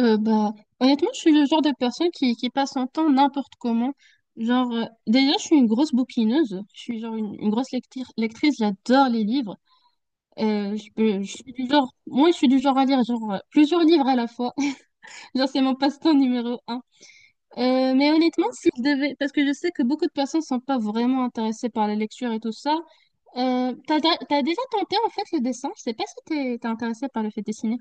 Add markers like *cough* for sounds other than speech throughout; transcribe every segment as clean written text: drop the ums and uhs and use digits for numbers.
Euh, bah, Honnêtement, je suis le genre de personne qui passe son temps n'importe comment. Déjà, je suis une grosse bouquineuse. Je suis genre une lectrice. J'adore les livres. Je suis du genre, moi, je suis du genre à lire genre plusieurs livres à la fois. *laughs* Genre, c'est mon passe-temps numéro un. Mais honnêtement, si je devais, parce que je sais que beaucoup de personnes sont pas vraiment intéressées par la lecture et tout ça. T'as déjà tenté en fait le dessin? Je sais pas si t'es intéressée par le fait de dessiner.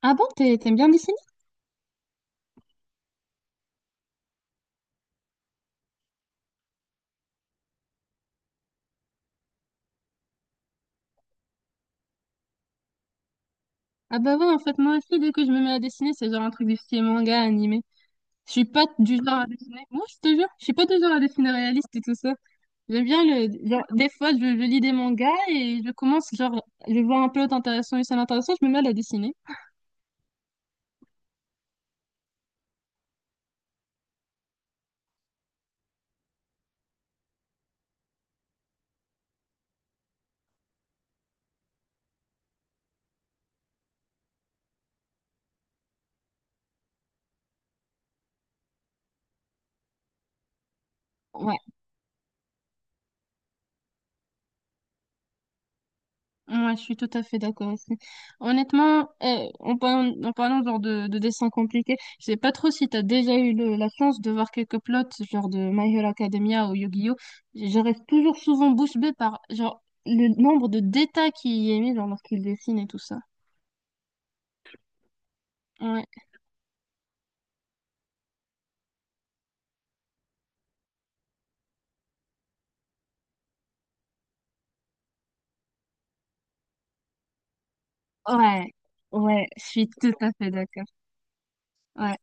Ah bon, t'aimes bien dessiner? Ah bah ouais, en fait, moi aussi, dès que je me mets à dessiner, c'est genre un truc du style manga, animé. Je suis pas du genre à dessiner. Moi, je te jure, je suis pas du genre à dessiner réaliste et tout ça. J'aime bien le... Genre, des fois, je lis des mangas et je commence, genre, je vois un plot intéressant, une scène intéressante, je me mets à la dessiner. Ouais, ouais, je suis tout à fait d'accord aussi. Honnêtement, en parlant genre de dessin compliqué, je sais pas trop si t'as déjà eu la chance de voir quelques plots genre de My Hero Academia ou Yu-Gi-Oh! Je reste toujours souvent bouche bée par genre le nombre de détails qu'il y est mis genre lorsqu'il dessine et tout ça. Ouais, ouais, ouais, je suis tout à fait d'accord. Ouais.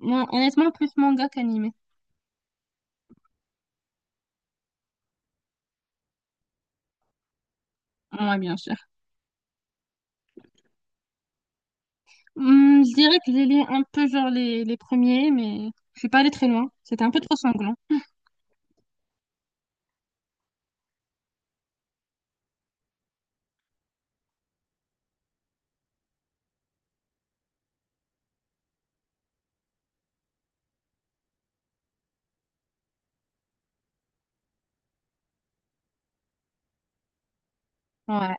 Moi, honnêtement, plus manga qu'animé. Ouais, bien sûr. Je dirais que j'ai lu un peu genre les premiers, mais je suis pas allée très loin. C'était un peu trop sanglant. Ouais.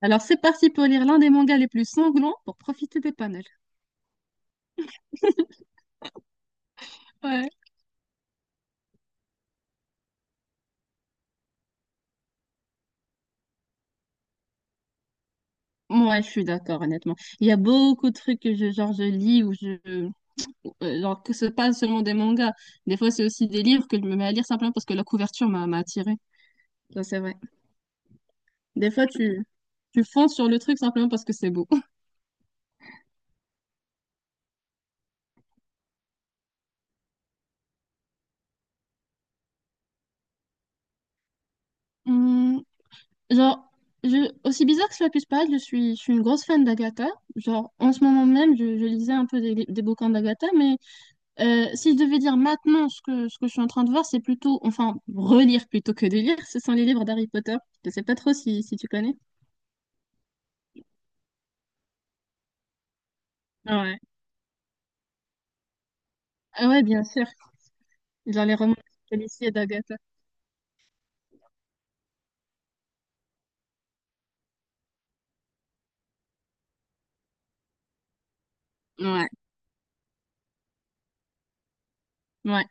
Alors c'est parti pour lire l'un des mangas les plus sanglants pour profiter des panels. *laughs* Ouais. Ouais, je suis d'accord, honnêtement. Il y a beaucoup de trucs que je, genre, je lis ou je. Genre, que ce pas seulement des mangas. Des fois, c'est aussi des livres que je me mets à lire simplement parce que la couverture m'a attirée. Ça, c'est vrai. Des fois, tu fonces sur le truc simplement parce que c'est beau. *laughs* Hum, genre, Aussi bizarre que cela puisse paraître, je suis une grosse fan d'Agatha. Genre, en ce moment même, je lisais un peu des bouquins d'Agatha, mais si je devais dire maintenant ce que je suis en train de voir, c'est plutôt, enfin, relire plutôt que de lire, ce sont les livres d'Harry Potter. Je sais pas trop si tu connais. Ouais. Ah ouais, bien sûr. Genre les romans policiers d'Agatha. Ouais, ouais,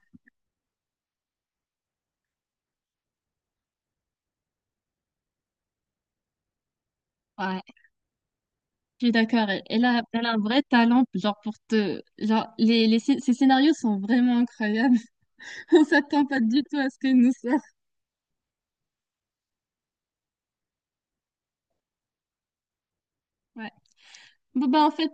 ouais. Je suis d'accord. Elle a un vrai talent, genre pour te... Genre, ces scénarios sont vraiment incroyables. *laughs* On s'attend pas du tout à ce qu'elle nous sorte. Ouais. Bon, bah en fait...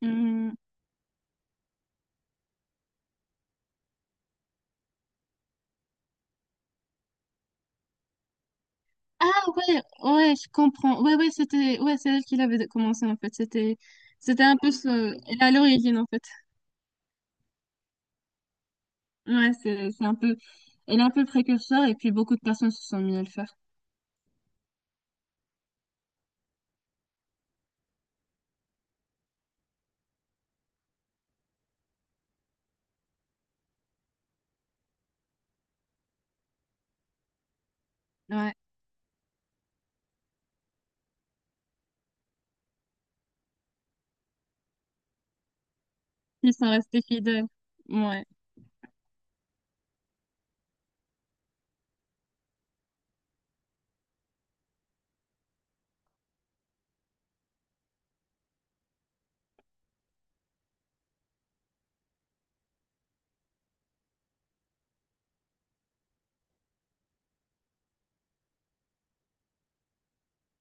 hum, ah ouais, ouais, je comprends. Ouais, ouais, c'était, ouais, c'est elle qui l'avait commencé en fait. C'était, c'était un peu ce, elle est à l'origine en fait. Ouais, c'est un peu, elle est un peu précurseur et puis beaucoup de personnes se sont mis à le faire. Ouais, ils sont restés fidèles. Ouais,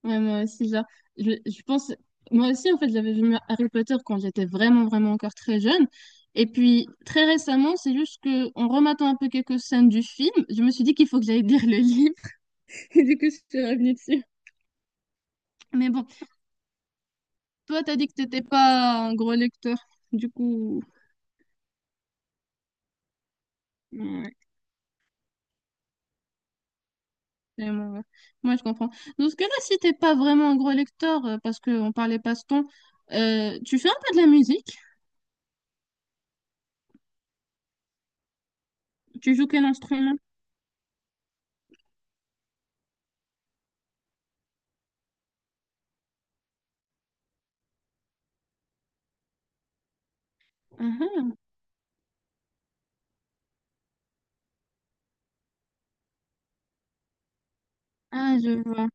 ouais, moi aussi, genre, je pense, moi aussi en fait, j'avais vu Harry Potter quand j'étais vraiment, vraiment encore très jeune. Et puis très récemment, c'est juste que en rematant un peu quelques scènes du film, je me suis dit qu'il faut que j'aille *laughs* lire le livre. *laughs* Et du coup, je suis revenue dessus. Mais bon. Toi, t'as dit que t'étais pas un gros lecteur. Du coup, ouais, c'est bon, ouais. Moi, je comprends. Dans ce cas-là, si t'es pas vraiment un gros lecteur, parce qu'on parlait passe-temps, tu fais un peu de la musique? Tu joues quel instrument? Mhm. Ah, je vois.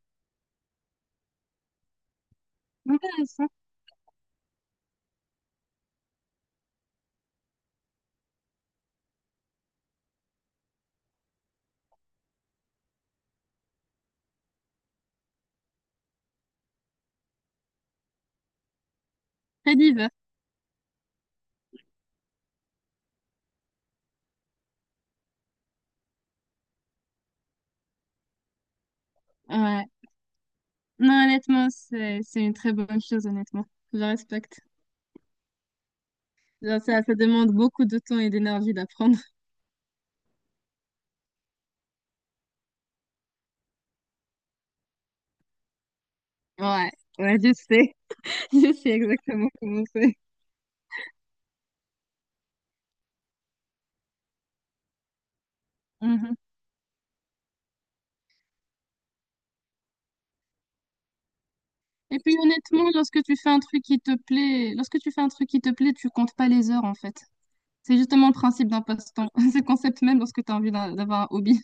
Intéressant. Très divers. Ouais. Non, honnêtement, c'est une très bonne chose, honnêtement. Je respecte. Genre, ça demande beaucoup de temps et d'énergie d'apprendre. Ouais, ouais, je sais. *laughs* Je sais exactement comment c'est. Et puis honnêtement, lorsque tu fais un truc qui te plaît, lorsque tu fais un truc qui te plaît, tu comptes pas les heures en fait. C'est justement le principe d'un passe-temps. *laughs* C'est le concept même lorsque tu as envie d'avoir un hobby.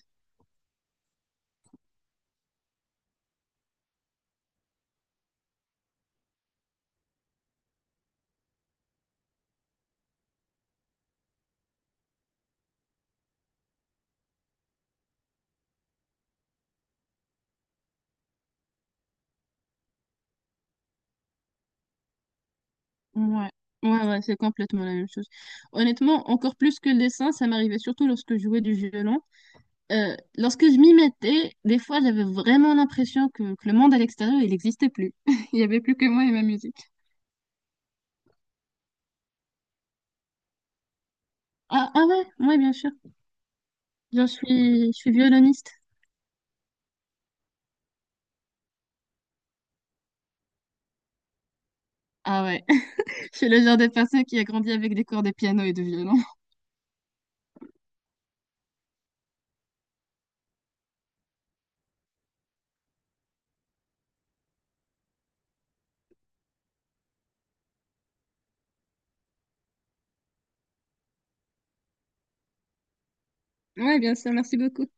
Ouais, ouais, ouais, c'est complètement la même chose. Honnêtement, encore plus que le dessin, ça m'arrivait surtout lorsque je jouais du violon. Lorsque je m'y mettais, des fois, j'avais vraiment l'impression que le monde à l'extérieur, il n'existait plus. *laughs* Il n'y avait plus que moi et ma musique. Ah, ah ouais, ouais, bien sûr. Genre, je suis violoniste. Ah ouais, *laughs* je suis le genre de personne qui a grandi avec des cours de piano et de violon. Ouais, bien sûr, merci beaucoup.